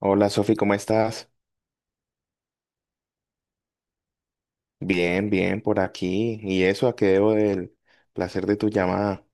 Hola Sofi, ¿cómo estás? Bien, bien, por aquí. ¿Y eso a qué debo del placer de tu llamada?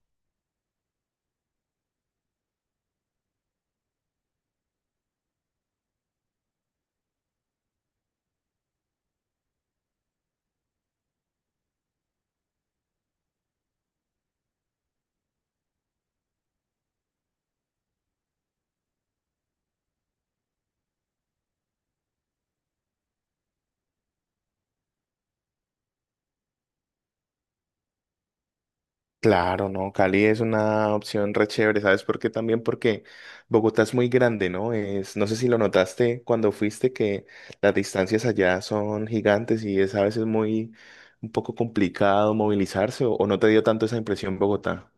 Claro, no, Cali es una opción re chévere, ¿sabes por qué? También porque Bogotá es muy grande, ¿no? Es, no sé si lo notaste cuando fuiste que las distancias allá son gigantes y es a veces muy un poco complicado movilizarse o no te dio tanto esa impresión Bogotá.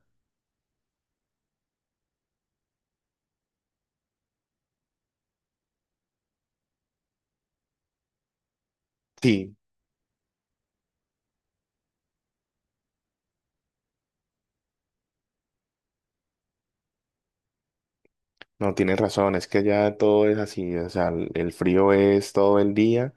Sí, no, tienes razón, es que allá todo es así, o sea, el frío es todo el día.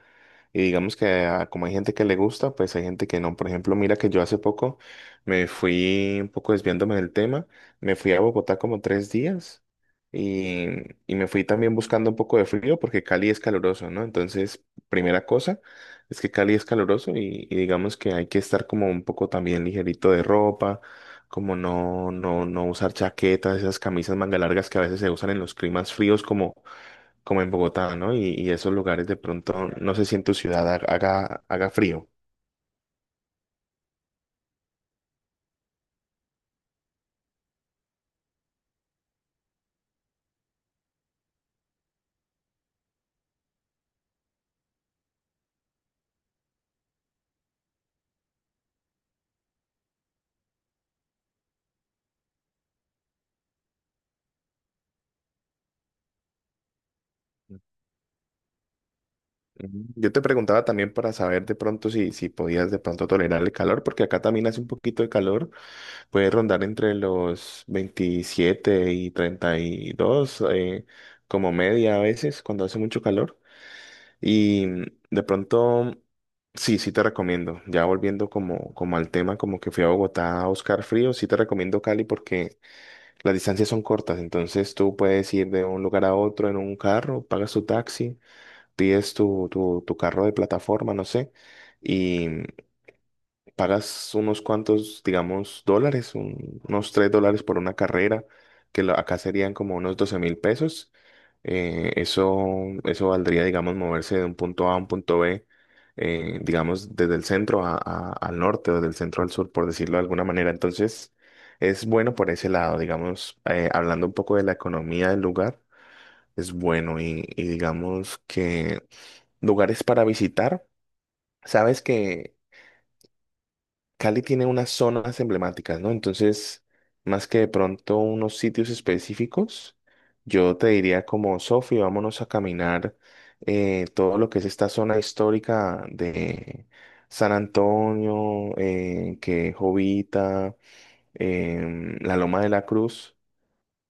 Y digamos que como hay gente que le gusta, pues hay gente que no. Por ejemplo, mira que yo hace poco me fui un poco desviándome del tema, me fui a Bogotá como 3 días y, y me fui también buscando un poco de frío porque Cali es caluroso, ¿no? Entonces, primera cosa es que Cali es caluroso y digamos que hay que estar como un poco también ligerito de ropa, como no usar chaquetas, esas camisas manga largas que a veces se usan en los climas fríos como en Bogotá, ¿no? Y esos lugares de pronto, no sé si en tu ciudad haga frío. Ujú. Yo te preguntaba también para saber de pronto si podías de pronto tolerar el calor, porque acá también hace un poquito de calor, puede rondar entre los 27 y 32, como media a veces cuando hace mucho calor. Y de pronto, sí, sí te recomiendo, ya volviendo como al tema, como que fui a Bogotá a buscar frío, sí te recomiendo Cali porque... Las distancias son cortas, entonces tú puedes ir de un lugar a otro en un carro, pagas tu taxi, pides tu carro de plataforma, no sé, pagas unos cuantos, digamos, dólares, unos $3 por una carrera, que acá serían como unos $12.000. Eh, eso, eso valdría, digamos, moverse de un punto A a un punto B, digamos, desde el centro al norte o del centro al sur, por decirlo de alguna manera. Entonces, es bueno por ese lado, digamos, hablando un poco de la economía del lugar, es bueno y digamos que lugares para visitar. Sabes que Cali tiene unas zonas emblemáticas, ¿no? Entonces, más que de pronto unos sitios específicos, yo te diría como, Sofi, vámonos a caminar todo lo que es esta zona histórica de San Antonio, que Jovita, la Loma de la Cruz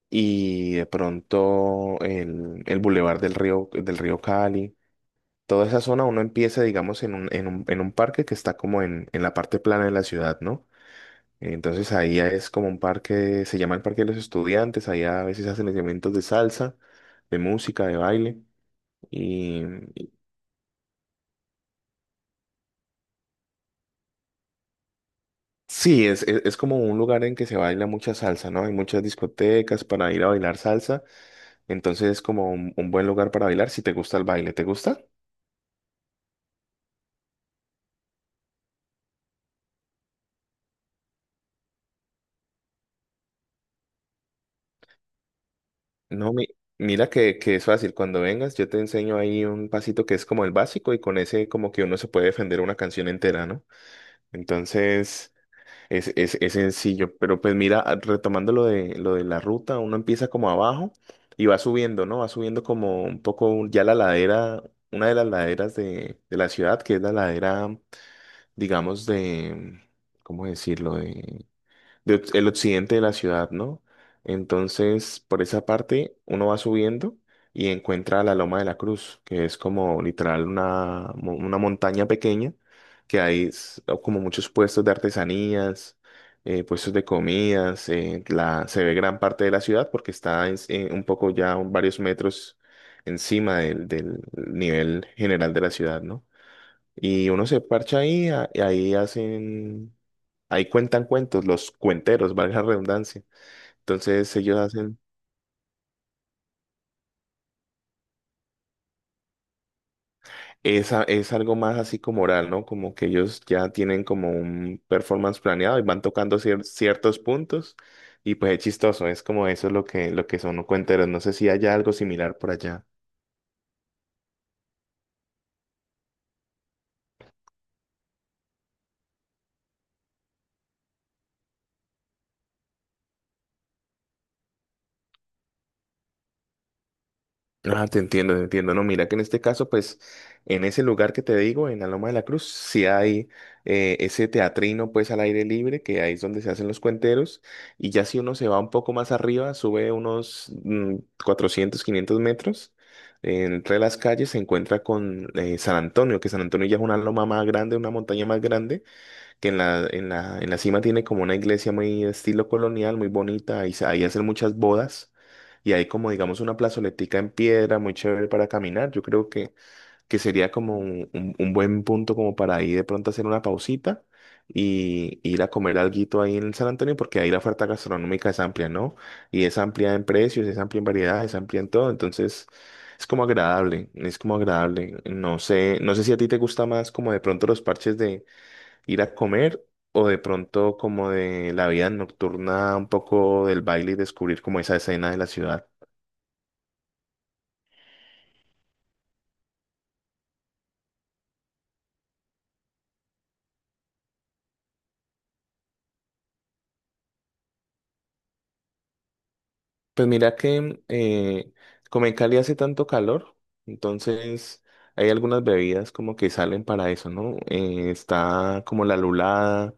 y de pronto el Boulevard del Río Cali. Toda esa zona uno empieza, digamos, en un parque que está como en la parte plana de la ciudad, ¿no? Entonces ahí es como un parque, se llama el Parque de los Estudiantes, ahí a veces hacen eventos de salsa, de música, de baile. Y y sí, es como un lugar en que se baila mucha salsa, ¿no? Hay muchas discotecas para ir a bailar salsa. Entonces es como un buen lugar para bailar si te gusta el baile. ¿Te gusta? No, mira que es fácil. Cuando vengas, yo te enseño ahí un pasito que es como el básico y con ese como que uno se puede defender una canción entera, ¿no? Entonces... Es sencillo, pero pues mira, retomando lo de la ruta, uno empieza como abajo y va subiendo, ¿no? Va subiendo como un poco ya la ladera, una de las laderas de la ciudad, que es la ladera, digamos, de, ¿cómo decirlo? El occidente de la ciudad, ¿no? Entonces, por esa parte, uno va subiendo y encuentra la Loma de la Cruz, que es como literal una montaña pequeña, que hay como muchos puestos de artesanías, puestos de comidas, se ve gran parte de la ciudad porque está en un poco ya varios metros encima del nivel general de la ciudad, ¿no? Y uno se parcha ahí, y ahí hacen, ahí cuentan cuentos, los cuenteros, valga la redundancia. Entonces ellos hacen, esa, es algo más así como oral, ¿no? Como que ellos ya tienen como un performance planeado y van tocando ciertos puntos y pues es chistoso, es como eso es lo que son los cuenteros. No sé si haya algo similar por allá. Ah, te entiendo, te entiendo. No, mira que en este caso, pues, en ese lugar que te digo, en la Loma de la Cruz, sí hay ese teatrino, pues, al aire libre, que ahí es donde se hacen los cuenteros. Y ya si uno se va un poco más arriba, sube unos 400, 500 metros, entre las calles se encuentra con San Antonio, que San Antonio ya es una loma más grande, una montaña más grande que en la cima tiene como una iglesia muy estilo colonial, muy bonita, ahí, ahí hacen muchas bodas y hay como digamos una plazoletica en piedra muy chévere para caminar. Yo creo que sería como un buen punto como para ahí de pronto hacer una pausita y ir a comer alguito ahí en San Antonio porque ahí la oferta gastronómica es amplia, ¿no? Y es amplia en precios, es amplia en variedad, es amplia en todo, entonces... Es como agradable, es como agradable. No sé, no sé si a ti te gusta más como de pronto los parches ir a comer o de pronto como de la vida nocturna, un poco del baile y descubrir como esa escena de la ciudad. Pues mira que como en Cali hace tanto calor, entonces hay algunas bebidas como que salen para eso, ¿no? Está como la lulada,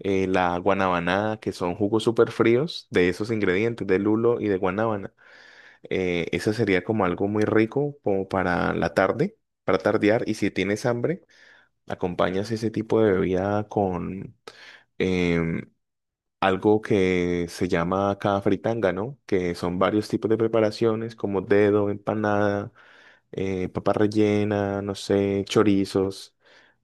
la guanabanada, que son jugos súper fríos de esos ingredientes, de lulo y de guanábana. Esa sería como algo muy rico como para la tarde, para tardear. Y si tienes hambre, acompañas ese tipo de bebida con em, algo que se llama acá fritanga, ¿no? Que son varios tipos de preparaciones como dedo, empanada, papa rellena, no sé, chorizos,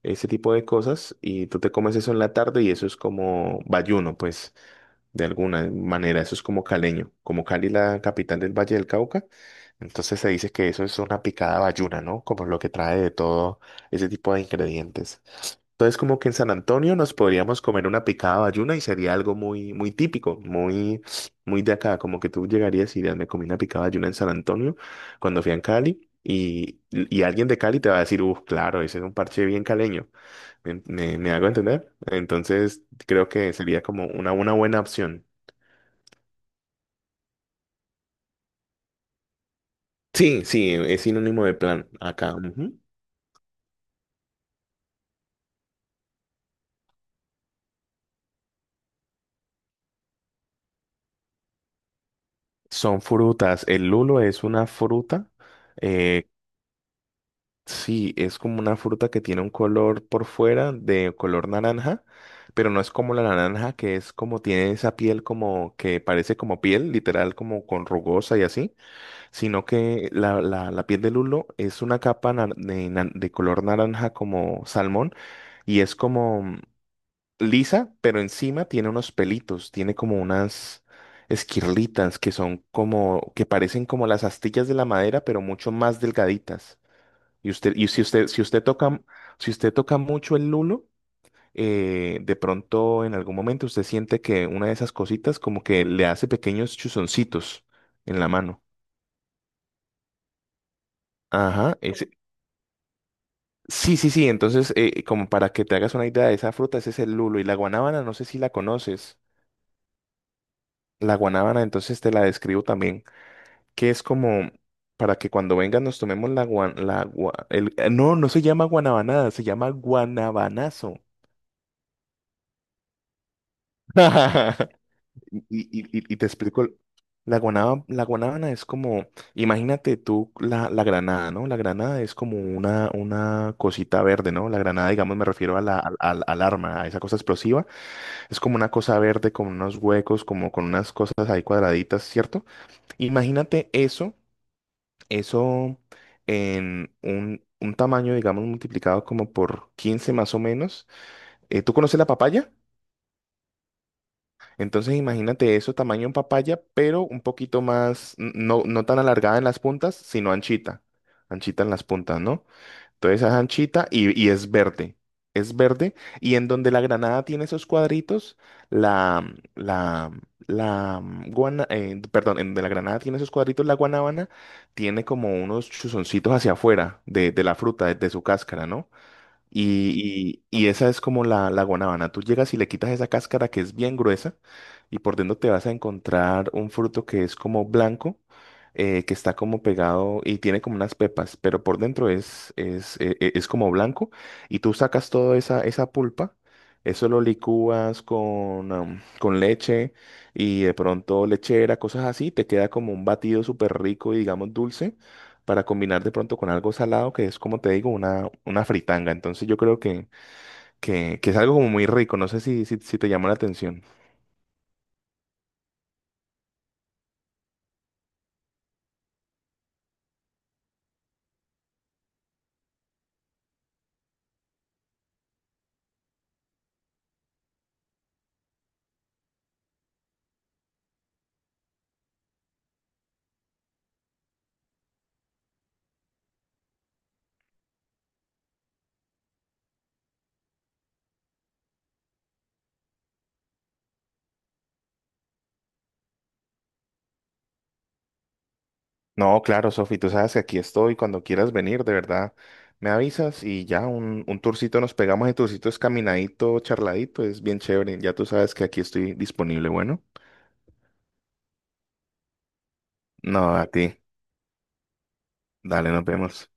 ese tipo de cosas. Y tú te comes eso en la tarde y eso es como bayuno, pues de alguna manera. Eso es como caleño, como Cali, la capital del Valle del Cauca. Entonces se dice que eso es una picada bayuna, ¿no? Como lo que trae de todo ese tipo de ingredientes. Entonces, como que en San Antonio nos podríamos comer una picada bayuna y sería algo muy, muy típico, muy, muy de acá. Como que tú llegarías y dirías, me comí una picada bayuna en San Antonio cuando fui a Cali. Y alguien de Cali te va a decir, uff, claro, ese es un parche bien caleño. ¿Me hago entender? Entonces, creo que sería como una buena opción. Sí, sí, es sinónimo de plan acá. Ujú. Son frutas. El lulo es una fruta. eh, sí, es como una fruta que tiene un color por fuera de color naranja, pero no es como la naranja, que es como tiene esa piel como que parece como piel, literal, como con rugosa y así, sino que la piel del lulo es una capa de color naranja como salmón y es como lisa, pero encima tiene unos pelitos, tiene como unas esquirlitas que son como, que parecen como las astillas de la madera, pero mucho más delgaditas. Y usted, y si usted, si usted toca mucho el lulo, de pronto en algún momento usted siente que una de esas cositas como que le hace pequeños chuzoncitos en la mano. Ajá, sí, sí, sí. Entonces, como para que te hagas una idea de esa fruta, ese es el lulo. Y la guanábana, no sé si la conoces. La guanábana, entonces te la describo también. Que es como para que cuando vengan nos tomemos la guan, la gua- el- no, no se llama guanabanada, se llama guanabanazo. Y te explico, la guanábana es como, imagínate tú la granada, ¿no? La granada es como una cosita verde, ¿no? La granada, digamos, me refiero a al arma, a esa cosa explosiva. Es como una cosa verde con unos huecos, como con unas cosas ahí cuadraditas, ¿cierto? Imagínate eso. Eso en un tamaño, digamos, multiplicado como por 15 más o menos. ¿Tú conoces la papaya? Entonces imagínate eso, tamaño en papaya, pero un poquito más, no, no tan alargada en las puntas, sino anchita. Anchita en las puntas, ¿no? Entonces es anchita y es verde. Es verde. Y en donde la granada tiene esos cuadritos, la, la, perdón, en donde la granada tiene esos cuadritos, la guanábana tiene como unos chuzoncitos hacia afuera de la fruta, de su cáscara, ¿no? Y esa es como la guanábana. Tú llegas y le quitas esa cáscara que es bien gruesa y por dentro te vas a encontrar un fruto que es como blanco, que está como pegado y tiene como unas pepas, pero por dentro es como blanco y tú sacas toda esa pulpa. Eso lo licúas con, con leche y de pronto lechera, cosas así. Te queda como un batido súper rico y digamos dulce para combinar de pronto con algo salado, que es como te digo, una fritanga. Entonces yo creo que es algo como muy rico. No sé si te llama la atención. No, claro, Sofi, tú sabes que aquí estoy. Cuando quieras venir, de verdad, me avisas y ya un tourcito nos pegamos. El tourcito es caminadito, charladito, es bien chévere. Ya tú sabes que aquí estoy disponible. Bueno, no, a ti. Dale, nos vemos.